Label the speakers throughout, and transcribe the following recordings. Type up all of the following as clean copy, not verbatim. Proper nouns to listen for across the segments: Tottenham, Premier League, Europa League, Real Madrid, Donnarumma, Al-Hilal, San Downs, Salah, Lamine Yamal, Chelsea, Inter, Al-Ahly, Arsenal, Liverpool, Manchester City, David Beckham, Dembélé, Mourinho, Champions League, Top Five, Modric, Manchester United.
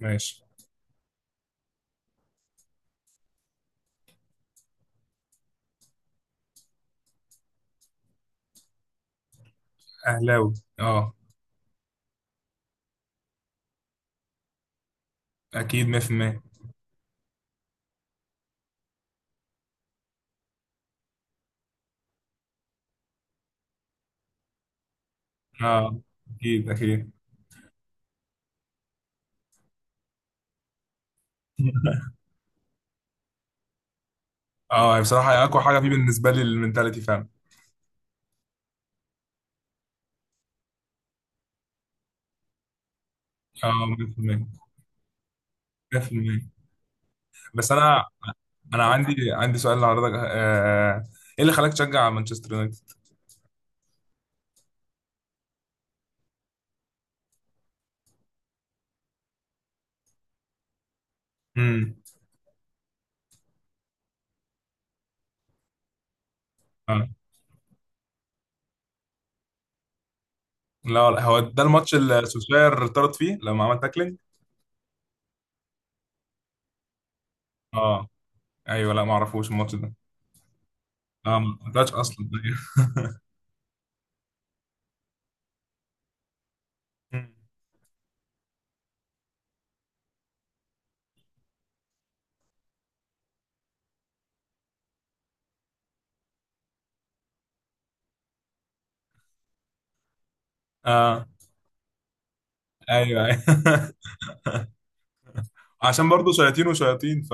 Speaker 1: ماشي. اهلاوي. اه اكيد 100%. اه اكيد. اه هي بصراحه اقوى حاجه فيه بالنسبه لي المنتاليتي فعلا. اه 100%. 100%. بس انا عندي سؤال لحضرتك، ايه اللي خلاك تشجع مانشستر يونايتد؟ امم اه لا لا، هو ده الماتش اللي سوشاير طرد فيه لما عمل تاكلينج. اه ايوه، لا ما اعرفوش الماتش ده. اه ما طلعش اصلا. ايوه. مم. اه ايوه ايوه. عشان برضه شياطين وشياطين. ف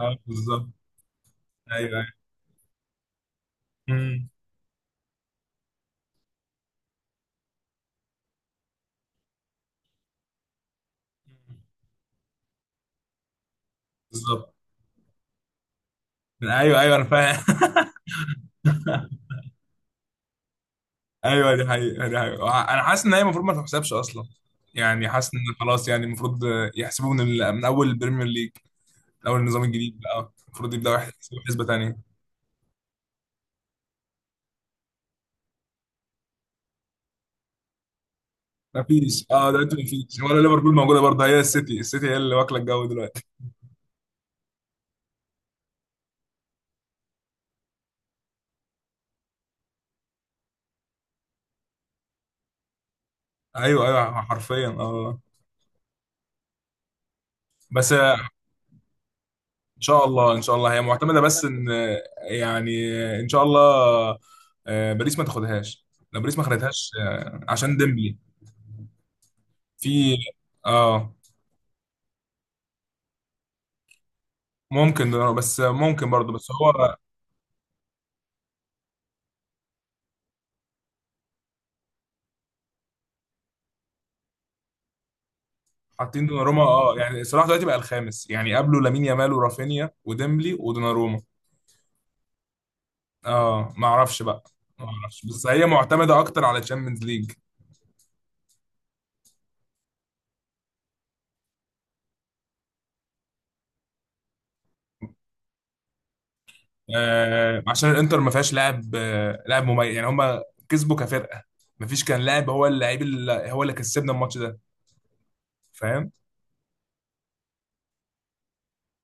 Speaker 1: اه بالظبط. ايوه. مم. بالظبط. ايوه ايوه، انا فاهم. ايوه، دي حقيقة دي حقيقة. انا حاسس ان هي المفروض ما تحسبش اصلا، يعني حاسس ان خلاص يعني المفروض يحسبوا من من اول البريمير ليج، من اول النظام الجديد بقى المفروض يبداوا يحسبوا حسبة تانية. ما فيش. اه دلوقتي ما فيش ولا ليفربول موجودة برضه، هي السيتي، السيتي هي اللي واكلة الجو دلوقتي. ايوه ايوه حرفيا. اه بس ان شاء الله، ان شاء الله هي معتمدة، بس ان يعني ان شاء الله. باريس ما تاخدهاش، لو باريس ما خدتهاش عشان ديمبلي. في اه ممكن دوناروما، بس ممكن برضه، بس هو حاطين دوناروما. اه، يعني صلاح دلوقتي بقى الخامس، يعني قبله لامين يامال ورافينيا وديمبلي ودوناروما. اه ما اعرفش بقى. ما اعرفش، بس هي معتمده اكتر على تشامبيونز ليج. آه عشان الانتر ما فيهاش لاعب، آه لاعب مميز، يعني هم كسبوا كفرقه. ما فيش كان لاعب، هو اللعيب اللي هو اللي كسبنا الماتش ده، فاهم؟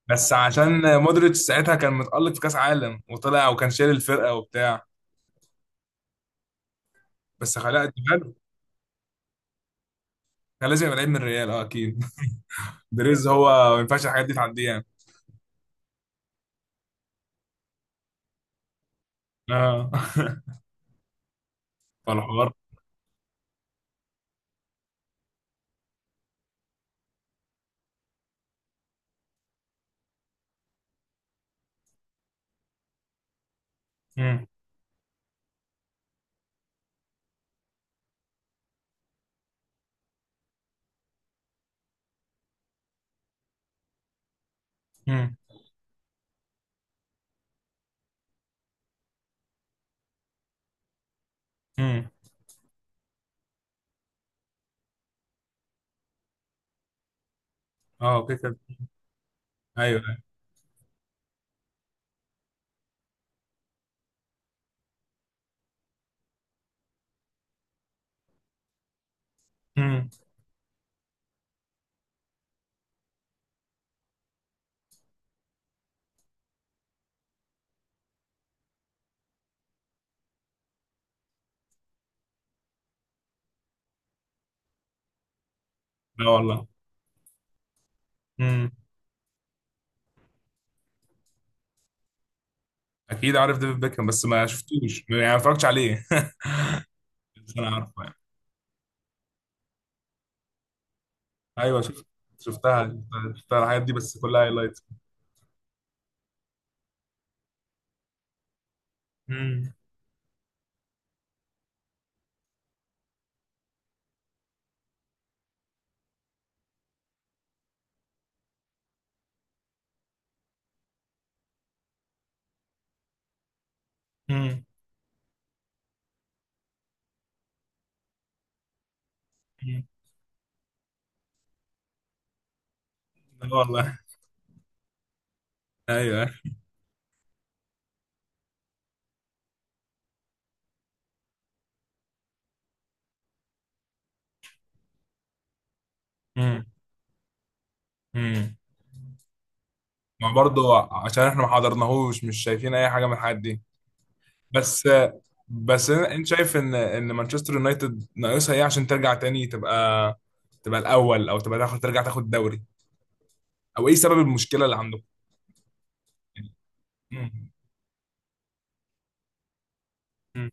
Speaker 1: بس عشان مودريتش ساعتها كان متألق في كاس عالم وطلع وكان شايل الفرقه وبتاع، بس خلاها كان لازم يبقى لعيب من الريال، اه اكيد. دريز هو ما ينفعش الحاجات دي تعديه يعني. اه. فالحوار. مم. مم. مم. اه اوكي كده. ايوه. مم. لا والله. مم. اكيد عارف ديفيد بيكهام، بس ما شفتوش يعني، ما اتفرجتش عليه. بس انا عارفه يعني. ايوه شفت، شفتها، شفتها الحاجات دي، بس كلها هايلايت. امم امم لا والله. ايوه. مم. مم. ما برضه عشان احنا ما حضرناهوش، مش شايفين اي حاجه من الحاجات دي. بس، بس انت شايف ان ان مانشستر يونايتد ناقصها ايه عشان ترجع تاني تبقى، تبقى الاول، او تبقى تاخد، ترجع تاخد دوري، او ايه سبب المشكله اللي عندكم؟ مم. مم.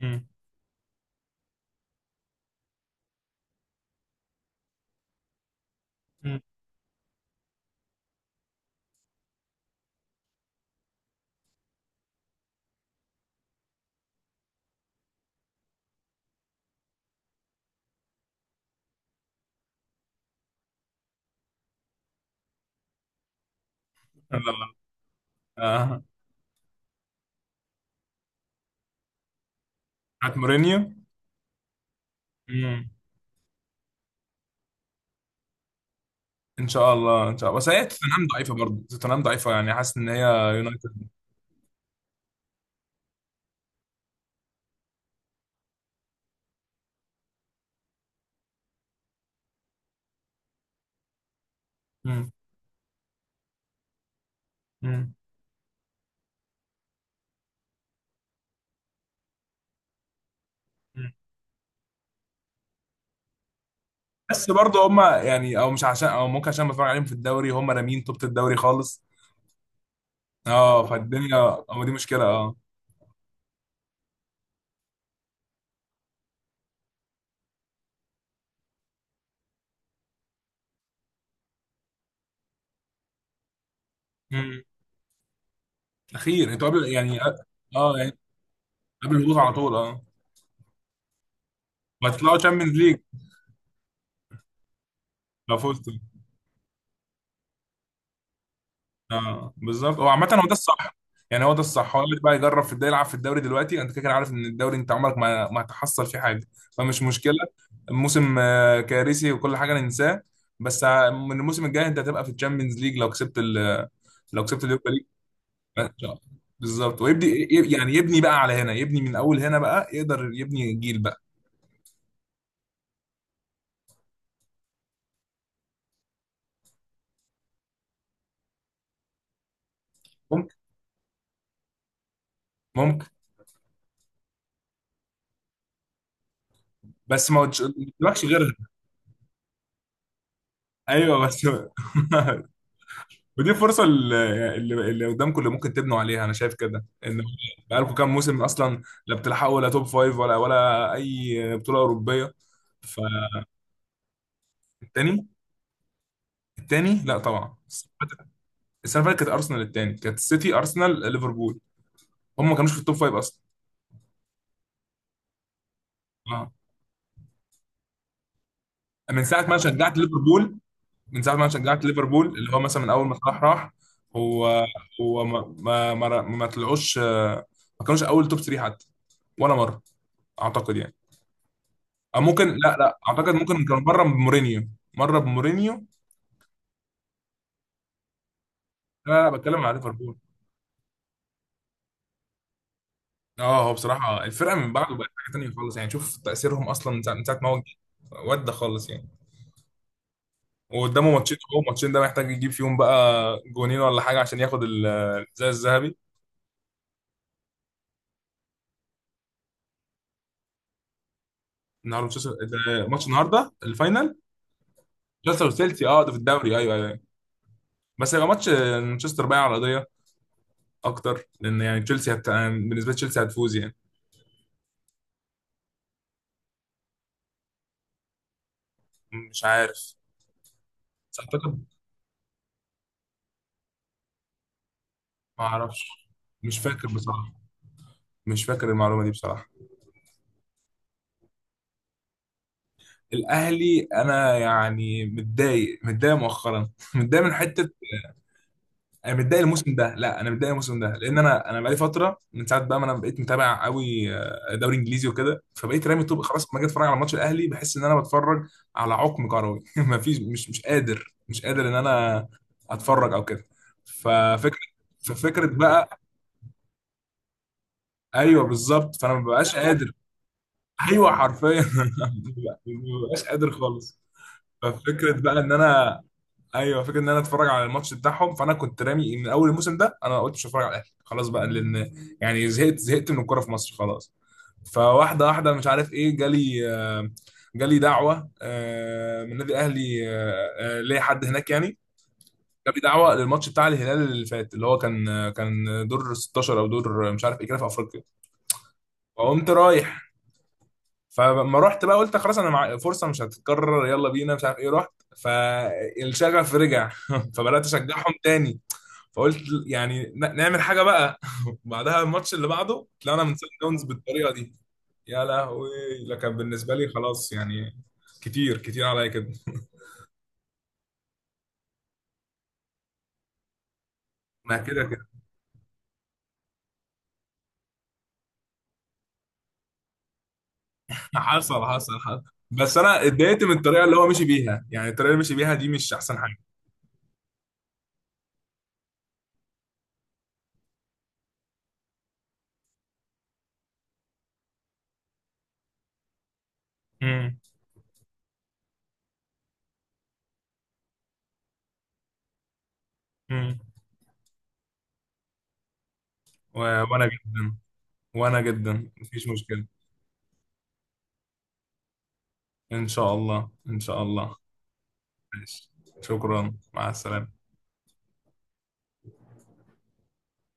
Speaker 1: مم. مم. لا لا. آه. بتاعت مورينيو. مم. ان شاء الله ان شاء الله، بس هي توتنهام ضعيفه برضه، توتنهام ضعيفه، يعني حاسس ان هي. يونايتد. مم. مم. مم. بس برضه هم يعني، او مش عشان، او ممكن عشان بتفرج عليهم في الدوري، هم رامين توبة الدوري خالص. اه فالدنيا، هو دي مشكله اه. اخير انتوا قبل يعني. اه يعني قبل الهبوط على طول اه. وهتطلعوا تشامبيونز ليج لو فزتوا. اه بالظبط، هو عامة هو ده الصح، يعني هو ده الصح، هو اللي بقى يجرب في الدوري، يلعب في الدوري دلوقتي انت كده كده عارف ان الدوري انت عمرك ما، ما هتحصل فيه حاجة، فمش مشكلة. الموسم كارثي وكل حاجة ننساه. بس من الموسم الجاي انت هتبقى في الشامبيونز ليج لو كسبت لو كسبت اليوروبا ليج. إن شاء الله. بالظبط، ويبدي يعني يبني بقى على هنا، يبني من اول هنا، بقى يقدر يبني جيل بقى. ممكن. ممكن. بس ما قلتش- ما قلتلكش غيرها. ايوه بس. ودي فرصه اللي قدامكم اللي ممكن تبنوا عليها، انا شايف كده ان بقالكم كام موسم اصلا لا بتلحقوا ولا توب فايف ولا ولا اي بطوله اوروبيه. فالتاني. التاني، لا طبعا السنه اللي فاتت، السنة اللي فاتت كانت ارسنال التاني، كانت السيتي ارسنال ليفربول، هم ما كانوش في التوب فايف اصلا. اه، من ساعه ما أنا شجعت ليفربول، من ساعه ما أنا شجعت ليفربول، اللي هو مثلا من اول ما صلاح راح. هو هو ما طلعوش ما كانوش اول توب 3 حتى، ولا مره اعتقد يعني، او ممكن، لا لا اعتقد ممكن كان بره بمورينيو، مره بمورينيو. لا لا بتكلم على ليفربول. اه هو بصراحه الفرقه من بعده بقت حاجه تانيه خالص، يعني شوف تاثيرهم اصلا من ساعه، من ساعة ما هو جه. ودى خالص يعني. وقدامه ماتشين، هو ماتشين ده محتاج يجيب فيهم بقى جونين ولا حاجه عشان ياخد الزي الذهبي. النهارده مانشستر، ده ماتش النهارده الفاينل. تشيلسي، وتشيلسي اه ده في الدوري، ايوه ايوه أيوة. بس هيبقى ماتش مانشستر بقى على القضيه اكتر، لان يعني بالنسبه لتشيلسي هتفوز يعني. مش عارف، بس اعتقد، ما اعرفش، مش فاكر بصراحه، مش فاكر المعلومة دي بصراحة. الأهلي أنا يعني متضايق، متضايق مؤخرا. متضايق من حتة. أنا متضايق الموسم ده، لا أنا متضايق الموسم ده لأن أنا بقالي فترة من ساعة بقى ما أنا بقيت متابع قوي دوري إنجليزي وكده، فبقيت رامي طوب خلاص، لما أجي أتفرج على ماتش الأهلي بحس إن أنا بتفرج على عقم كروي. مفيش، مش قادر، مش قادر إن أنا أتفرج أو كده. ففكرة، ففكرة بقى. أيوه بالظبط، فأنا ما ببقاش قادر. أيوه حرفيا. ما ببقاش قادر خالص. ففكره بقى ان انا، ايوه فكره ان انا اتفرج على الماتش بتاعهم، فانا كنت رامي من اول الموسم ده، انا قلت مش هتفرج على الاهلي خلاص بقى، لان يعني زهقت، زهقت من الكوره في مصر خلاص. فواحده واحده مش عارف ايه، جالي جالي دعوه من نادي الاهلي ليا حد هناك يعني، جالي دعوه للماتش بتاع الهلال اللي فات، اللي هو كان كان دور 16 او دور مش عارف ايه كده في افريقيا، فقمت رايح. فلما رحت بقى قلت خلاص انا مع فرصه مش هتتكرر، يلا بينا مش عارف ايه، رحت، فالشغف رجع. فبدات اشجعهم تاني. فقلت يعني نعمل حاجه بقى. بعدها الماتش اللي بعده طلعنا من سان داونز بالطريقه دي، يا لهوي. لكن بالنسبه لي خلاص يعني، كتير كتير عليا كده. ما كده كده. حصل حصل حصل. بس انا اتضايقت من الطريقه اللي هو مشي بيها، يعني الطريقه اللي مشي بيها دي مش احسن حاجه. امم امم وانا جدا، وانا جدا مفيش مشكله. إن شاء الله إن شاء الله. ماشي. شكرا، مع السلامة.